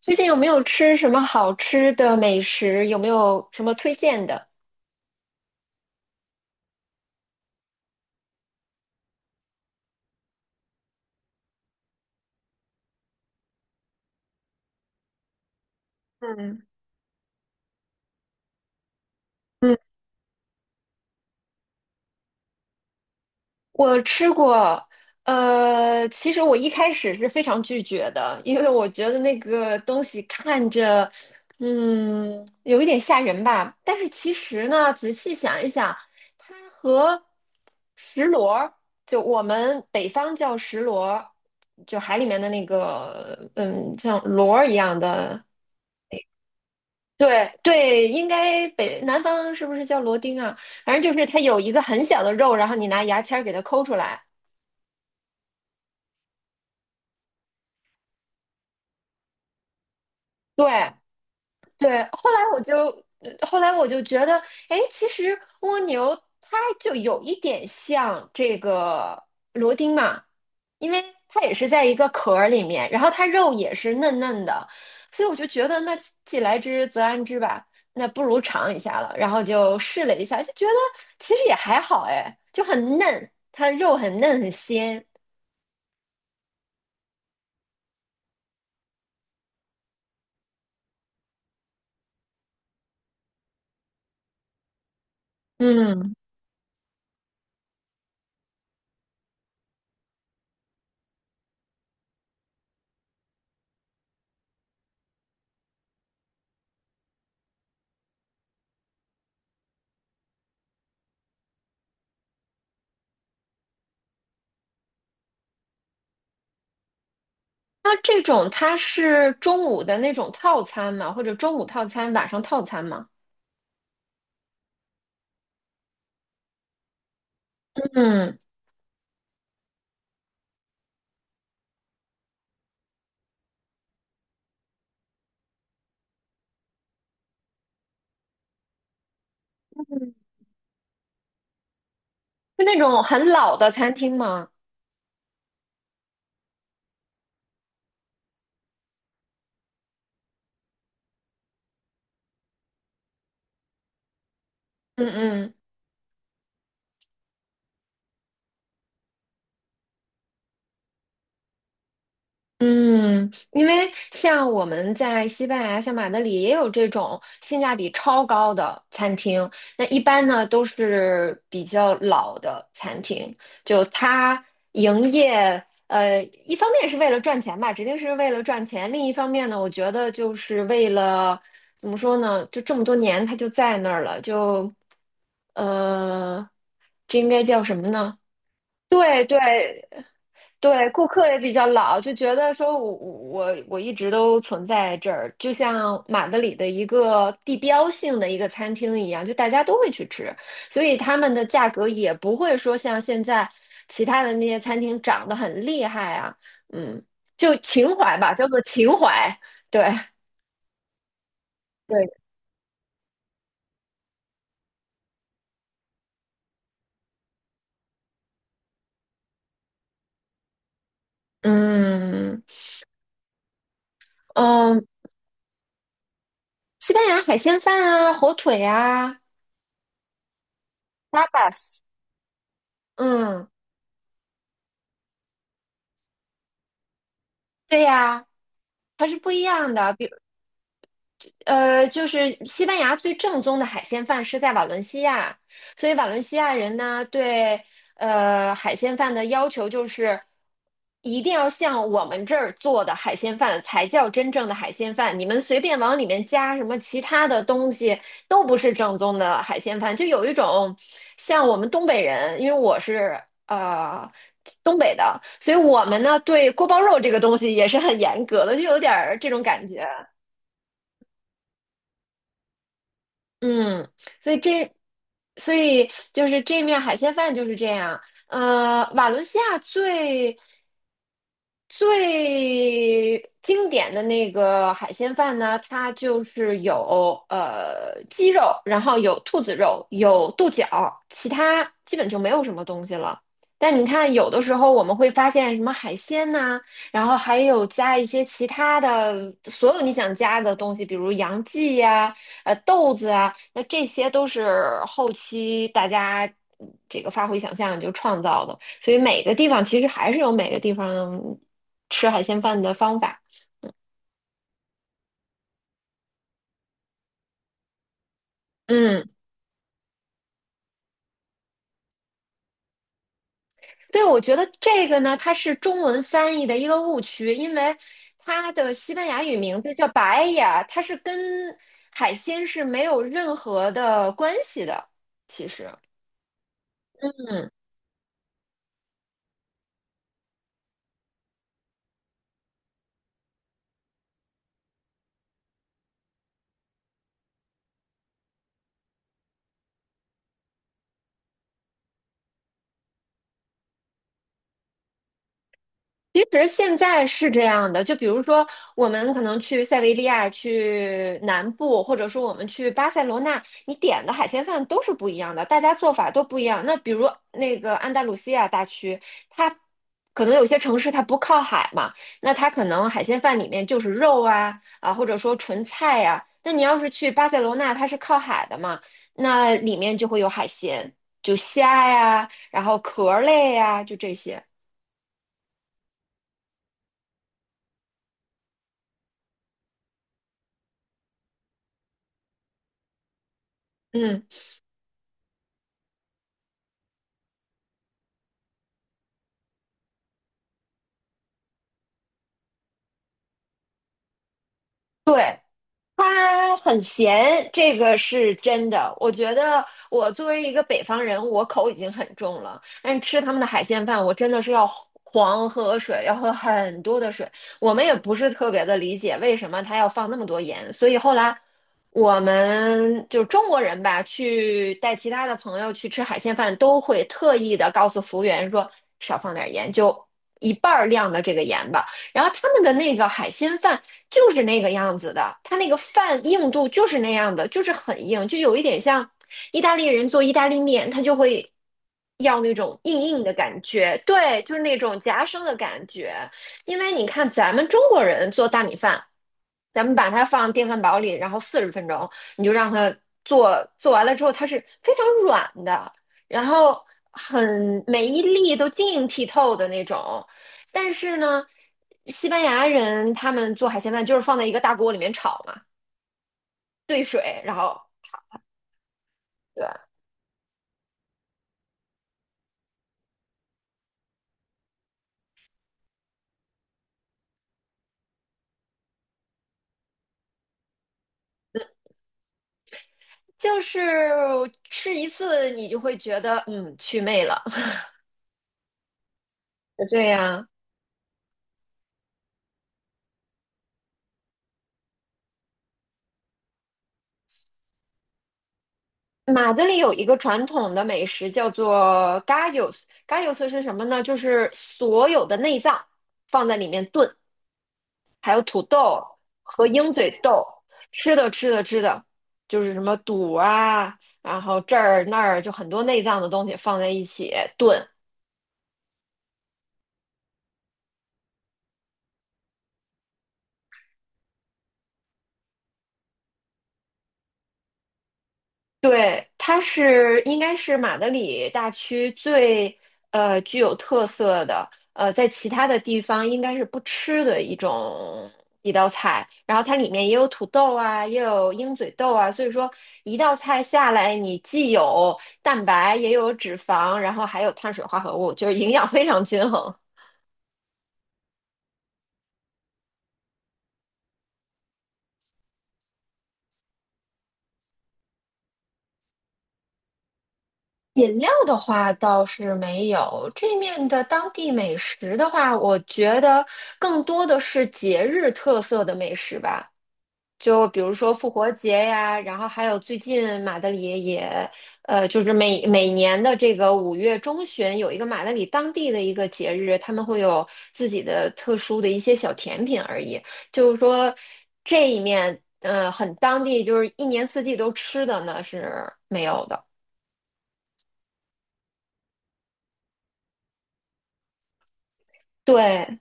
最近有没有吃什么好吃的美食？有没有什么推荐的？嗯嗯。我吃过，其实我一开始是非常拒绝的，因为我觉得那个东西看着，有一点吓人吧。但是其实呢，仔细想一想，它和石螺儿，就我们北方叫石螺儿，就海里面的那个，像螺儿一样的。对对，应该北南方是不是叫螺钉啊？反正就是它有一个很小的肉，然后你拿牙签儿给它抠出来。对对，后来我就，后来我就觉得，哎，其实蜗牛它就有一点像这个螺钉嘛，因为它也是在一个壳儿里面，然后它肉也是嫩嫩的，所以我就觉得，那既来之则安之吧，那不如尝一下了，然后就试了一下，就觉得其实也还好，哎，就很嫩，它肉很嫩很鲜。嗯，那这种它是中午的那种套餐嘛，或者中午套餐、晚上套餐嘛？嗯，嗯，是那种很老的餐厅吗？嗯嗯嗯，因为像我们在西班牙，像马德里也有这种性价比超高的餐厅。那一般呢都是比较老的餐厅，就它营业，一方面是为了赚钱吧，指定是为了赚钱；另一方面呢，我觉得就是为了怎么说呢，就这么多年它就在那儿了，就呃，这应该叫什么呢？对对对，顾客也比较老，就觉得说我一直都存在这儿，就像马德里的一个地标性的一个餐厅一样，就大家都会去吃，所以他们的价格也不会说像现在其他的那些餐厅涨得很厉害啊，嗯，就情怀吧，叫做情怀，对对，嗯嗯，西班牙海鲜饭啊，火腿啊，tapas，嗯，对呀。它是不一样的，就是西班牙最正宗的海鲜饭是在瓦伦西亚，所以瓦伦西亚人呢对海鲜饭的要求就是一定要像我们这儿做的海鲜饭才叫真正的海鲜饭，你们随便往里面加什么其他的东西都不是正宗的海鲜饭，就有一种像我们东北人，因为我是呃。东北的，所以我们呢对锅包肉这个东西也是很严格的，就有点儿这种感觉。嗯，所以这，所以就是这面海鲜饭就是这样。瓦伦西亚最最经典的那个海鲜饭呢，它就是有鸡肉，然后有兔子肉，有豆角，其他基本就没有什么东西了。但你看，有的时候我们会发现什么海鲜呐、然后还有加一些其他的，所有你想加的东西，比如洋蓟呀、豆子啊，那这些都是后期大家这个发挥想象就创造的，所以每个地方其实还是有每个地方吃海鲜饭的方法。嗯，对，我觉得这个呢，它是中文翻译的一个误区，因为它的西班牙语名字叫白雅，它是跟海鲜是没有任何的关系的，其实，嗯。其实现在是这样的，就比如说我们可能去塞维利亚、去南部，或者说我们去巴塞罗那，你点的海鲜饭都是不一样的，大家做法都不一样。那比如那个安达卢西亚大区，它可能有些城市它不靠海嘛，那它可能海鲜饭里面就是肉啊啊，或者说纯菜呀、那你要是去巴塞罗那，它是靠海的嘛，那里面就会有海鲜，就虾呀，然后壳类呀，就这些。嗯。对，他很咸，这个是真的。我觉得我作为一个北方人，我口已经很重了，但是吃他们的海鲜饭，我真的是要狂喝水，要喝很多的水。我们也不是特别的理解为什么他要放那么多盐，所以后来我们就中国人吧，去带其他的朋友去吃海鲜饭，都会特意的告诉服务员说少放点盐，就一半儿量的这个盐吧。然后他们的那个海鲜饭就是那个样子的，它那个饭硬度就是那样的，就是很硬，就有一点像意大利人做意大利面，他就会要那种硬硬的感觉，对，就是那种夹生的感觉。因为你看咱们中国人做大米饭，咱们把它放电饭煲里，然后40分钟，你就让它做，做完了之后它是非常软的，然后很每一粒都晶莹剔透的那种。但是呢，西班牙人他们做海鲜饭就是放在一个大锅里面炒嘛，兑水，然后对，就是吃一次你就会觉得嗯去魅了，就这样。马德里有一个传统的美食叫做 gallos，gallos 是什么呢？就是所有的内脏放在里面炖，和鹰嘴豆吃的吃的吃的，就是什么肚啊，然后这儿那儿就很多内脏的东西放在一起炖。对，它是应该是马德里大区最具有特色的，在其他的地方应该是不吃的一种一道菜。然后它里面也有土豆啊，也有鹰嘴豆啊，所以说一道菜下来，你既有蛋白，也有脂肪，然后还有碳水化合物，就是营养非常均衡。饮料的话倒是没有，这面的当地美食的话，我觉得更多的是节日特色的美食吧，就比如说复活节呀，然后还有最近马德里也，就是每年的这个5月中旬有一个马德里当地的一个节日，他们会有自己的特殊的一些小甜品而已，就是说这一面，很当地，就是一年四季都吃的呢是没有的，对。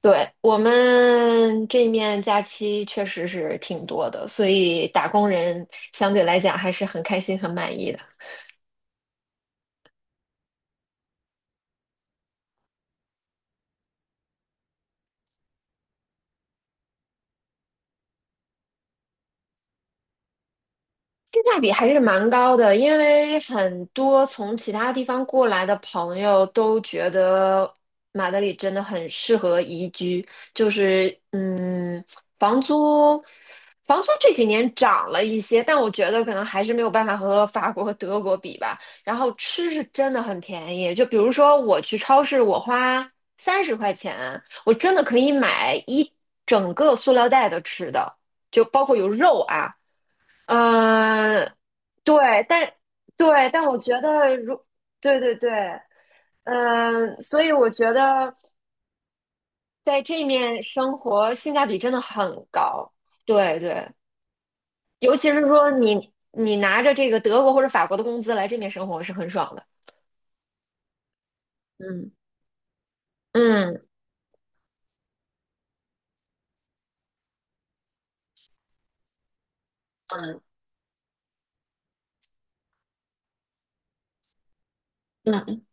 对，我们这面假期确实是挺多的，所以打工人相对来讲还是很开心、很满意的。性价比还是蛮高的，因为很多从其他地方过来的朋友都觉得马德里真的很适合宜居，就是嗯，房租房租这几年涨了一些，但我觉得可能还是没有办法和法国、德国比吧。然后吃是真的很便宜，就比如说我去超市，我花30块钱，我真的可以买一整个塑料袋的吃的，就包括有肉啊。嗯，对，但对，但我觉得对对对，嗯、所以我觉得在这面生活性价比真的很高，对对，尤其是说你拿着这个德国或者法国的工资来这面生活是很爽的，嗯嗯嗯嗯，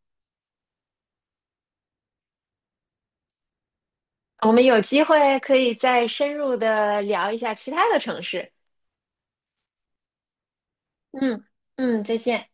我们有机会可以再深入的聊一下其他的城市，嗯嗯，再见。